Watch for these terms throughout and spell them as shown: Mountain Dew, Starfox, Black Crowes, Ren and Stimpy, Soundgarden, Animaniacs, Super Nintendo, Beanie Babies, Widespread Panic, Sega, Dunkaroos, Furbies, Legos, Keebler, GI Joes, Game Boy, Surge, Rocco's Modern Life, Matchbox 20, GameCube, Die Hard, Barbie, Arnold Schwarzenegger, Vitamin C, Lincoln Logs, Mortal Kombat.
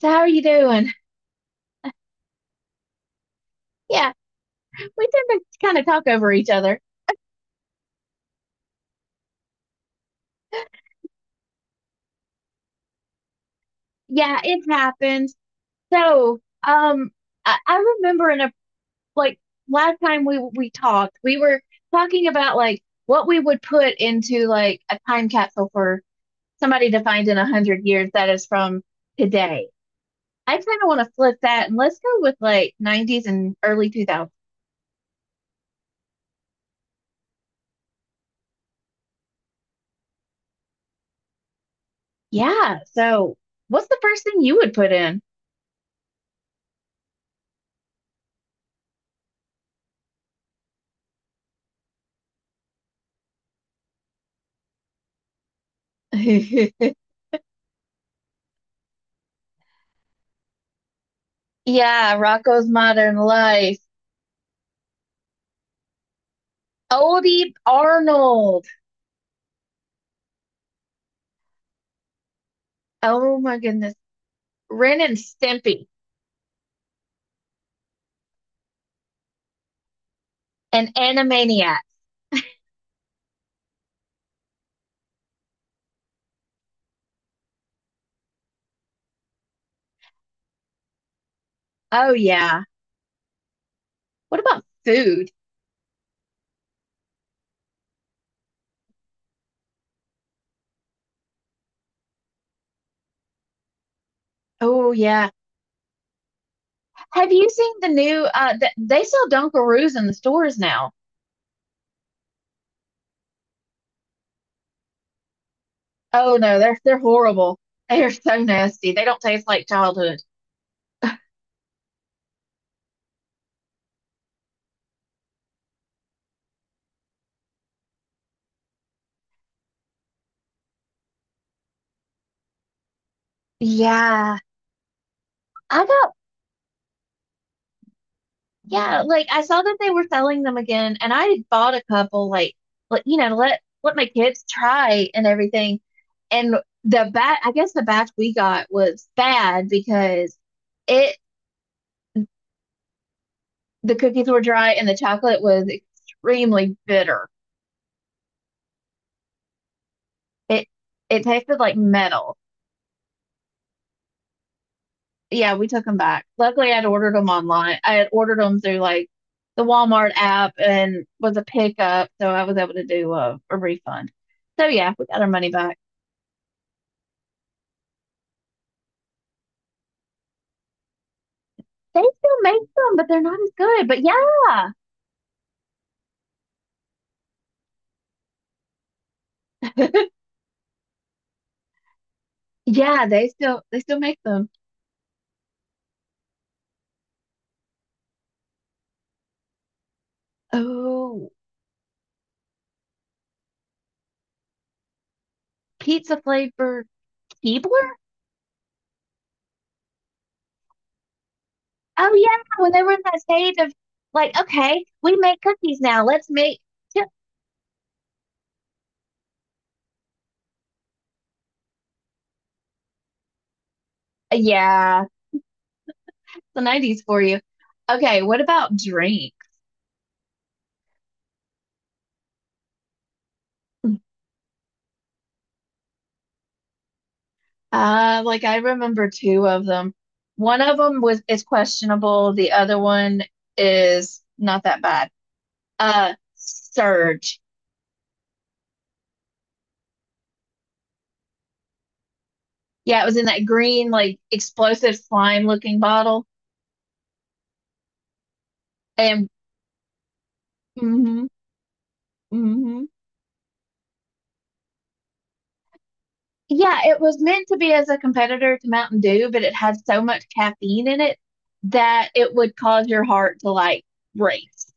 So how are you doing? Yeah, we tend to kind of talk over each other. Yeah, it happens. So, um, I, I remember in a like last time we talked, we were talking about like what we would put into like a time capsule for somebody to find in a hundred years that is from today. I kind of want to flip that, and let's go with like 90s and early 2000s. Yeah, so what's the first thing you would put in? Yeah, Rocco's Modern Life. Odie Arnold. Oh my goodness. Ren and Stimpy and Animaniacs. Oh yeah. What about food? Oh yeah. Have you seen the new th they sell Dunkaroos in the stores now. Oh no, they're horrible. They are so nasty. They don't taste like childhood. Yeah. I got. Yeah, like I saw that they were selling them again, and I bought a couple, like, to let my kids try and everything. And the bat, I guess the batch we got was bad because it the cookies were dry and the chocolate was extremely bitter. It it tasted like metal. Yeah, we took them back. Luckily, I'd ordered them online. I had ordered them through like the Walmart app and was a pickup, so I was able to do a refund. So yeah, we got our money back. They still make them, but they're not as good. But yeah. Yeah, they still make them. Oh, pizza flavored Keebler? Oh yeah, when they were in that stage of like, okay, we make cookies now. Let's make chip. Yeah, the 90s for you. Okay, what about drink? Like I remember two of them. One of them was is questionable. The other one is not that bad. Uh, Surge. Yeah, it was in that green, like explosive slime looking bottle. And hmm hmm yeah, it was meant to be as a competitor to Mountain Dew, but it had so much caffeine in it that it would cause your heart to like race.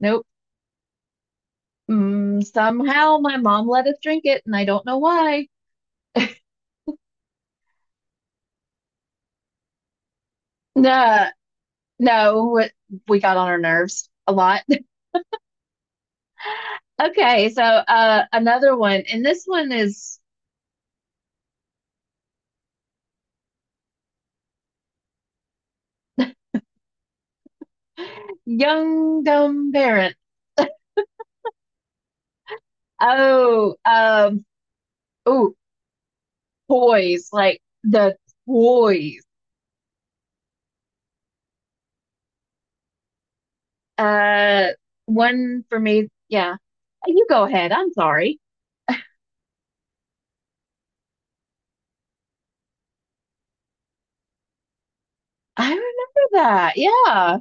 Nope. Somehow my mom let us drink it, and I don't know why. No, no, we got on our nerves a lot. Okay, so another one, and this one is young dumb parent. Oh, um, oh, Toys, like the toys. Uh, One for me. Yeah. You go ahead. I'm sorry. I remember that. Yeah,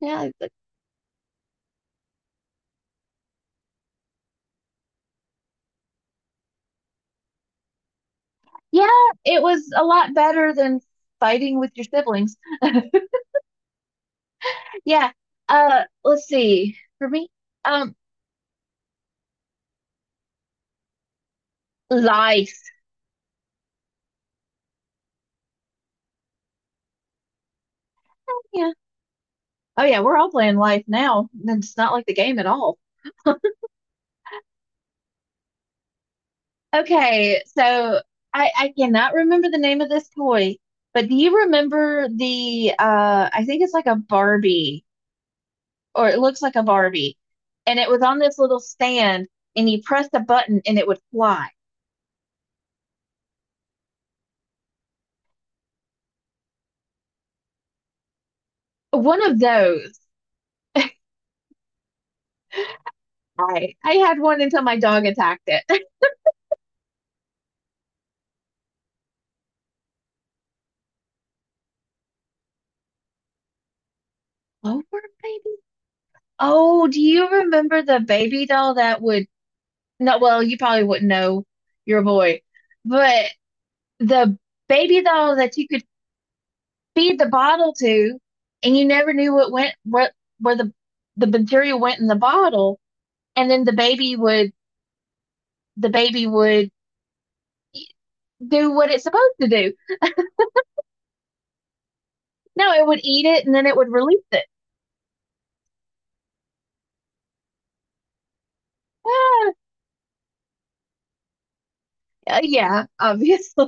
yeah, yeah. It was a lot better than fighting with your siblings. Yeah. Let's see. For me, um, life. Yeah. Oh yeah, we're all playing life now. It's not like the game at all. Okay, so I cannot remember the name of this toy, but do you remember the I think it's like a Barbie or it looks like a Barbie, and it was on this little stand, and you pressed a button and it would fly. One of those. I had one until my dog attacked it. Over maybe? Oh, do you remember the baby doll that would, no, well, you probably wouldn't know, your boy, but the baby doll that you could feed the bottle to, and you never knew what went what, where the bacteria went in the bottle, and then the baby would do what it's supposed to do. No, it would eat it and then it would release it. Ah, yeah, obviously.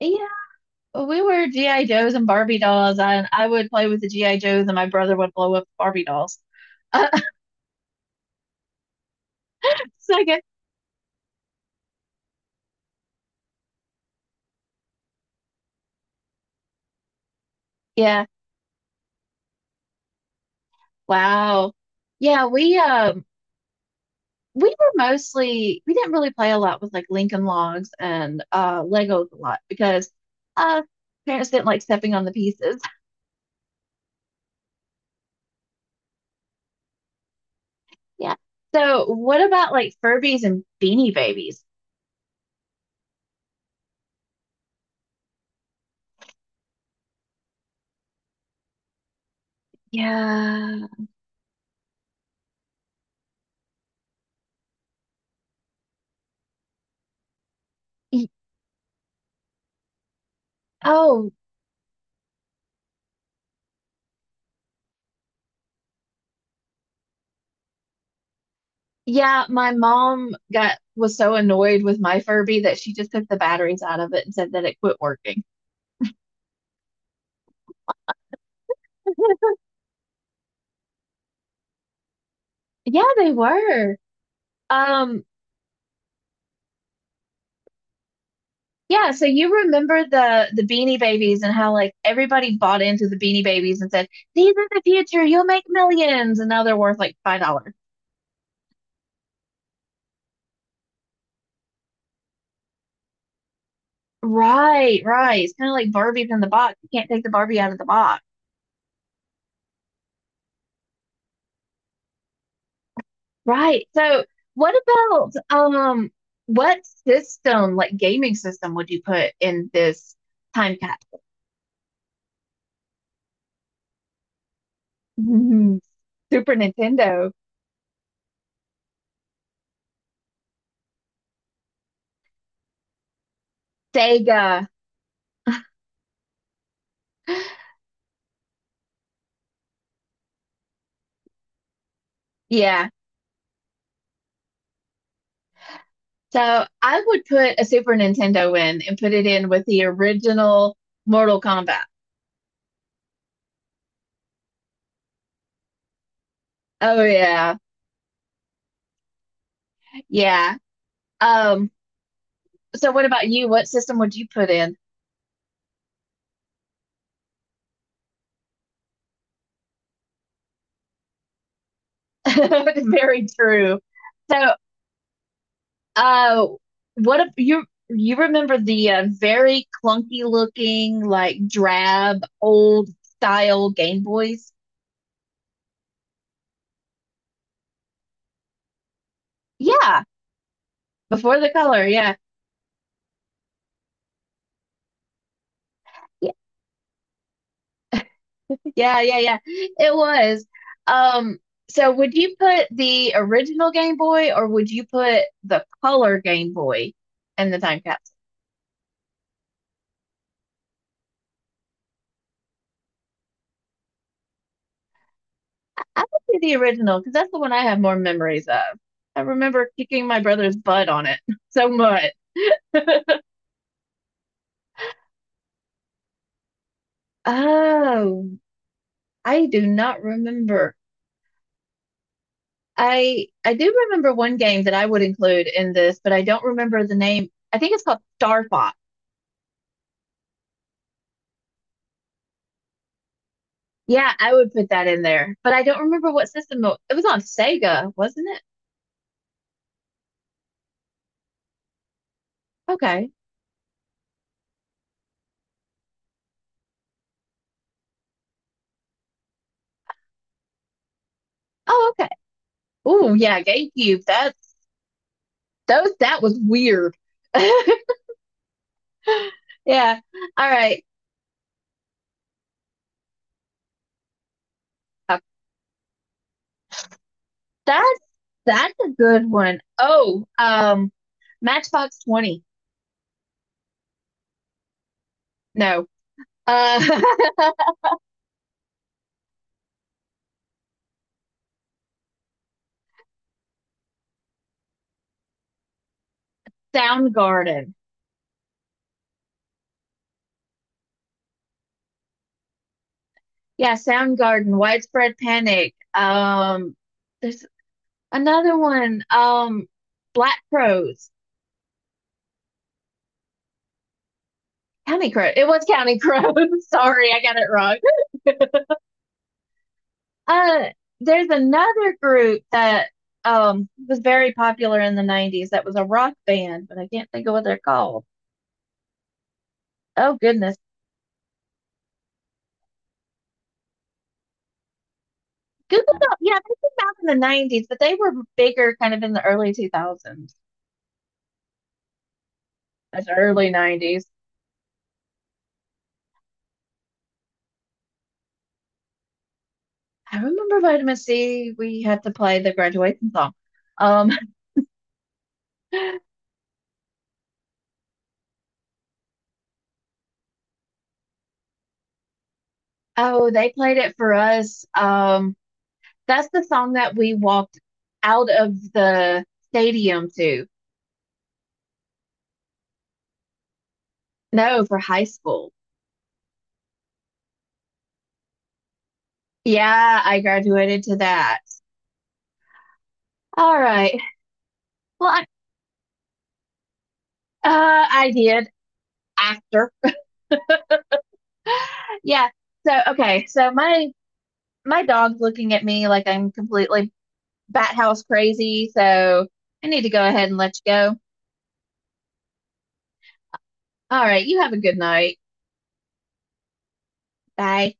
Yeah, we were GI Joes and Barbie dolls. I would play with the GI Joes and my brother would blow up Barbie dolls. Uh, so I guess, yeah, wow. Yeah, we were mostly we didn't really play a lot with like Lincoln Logs and Legos a lot because uh parents didn't like stepping on the pieces. Yeah. So what about like Furbies and Beanie Babies? Yeah. Y- Oh, yeah, my mom got was so annoyed with my Furby that she just took the batteries out of it and said that it quit working. Yeah, they were. Um, Yeah, so you remember the Beanie Babies and how like everybody bought into the Beanie Babies and said, "These are the future, you'll make millions." And now they're worth like $5. Right, right. It's kind of like Barbie from the box. You can't take the Barbie out of the box. Right. So what about um what system, like gaming system, would you put in this time capsule? Super Nintendo, Sega. Yeah. So I would put a Super Nintendo in and put it in with the original Mortal Kombat. Oh yeah. Yeah. Um, so what about you? What system would you put in? Very true. So uh what if you you remember the very clunky looking like drab old style Game Boys? Yeah, before the color, yeah. Yeah, yeah, yeah. It was. Um, so would you put the original Game Boy or would you put the color Game Boy in the time capsule? I would do the original because that's the one I have more memories of. I remember kicking my brother's butt on it so much. Oh, I do not remember. I do remember one game that I would include in this, but I don't remember the name. I think it's called Starfox. Yeah, I would put that in there, but I don't remember what system it was on. Sega, wasn't it? Okay. Oh, okay. Oh, yeah, GameCube. That's those. That was weird. Yeah. All right. Uh, That's a good one. Oh, Matchbox 20. No. Uh, Soundgarden. Yeah, Soundgarden. Widespread Panic. There's another one. Black Crowes. County Crow. It was County Crow. Sorry, I got it wrong. uh, there's another group that was very popular in the 90s that was a rock band, but I can't think of what they're called. Oh goodness. Google them. Yeah, they came out in the 90s, but they were bigger kind of in the early 2000s. That's early 90s. I remember Vitamin C, we had to play the graduation song. Um, oh, they played it for us. That's the song that we walked out of the stadium to. No, for high school. Yeah, I graduated to that. All right. Well, I did after. Yeah. So okay. So my dog's looking at me like I'm completely bat house crazy. So I need to go ahead and let you go. All right. You have a good night. Bye.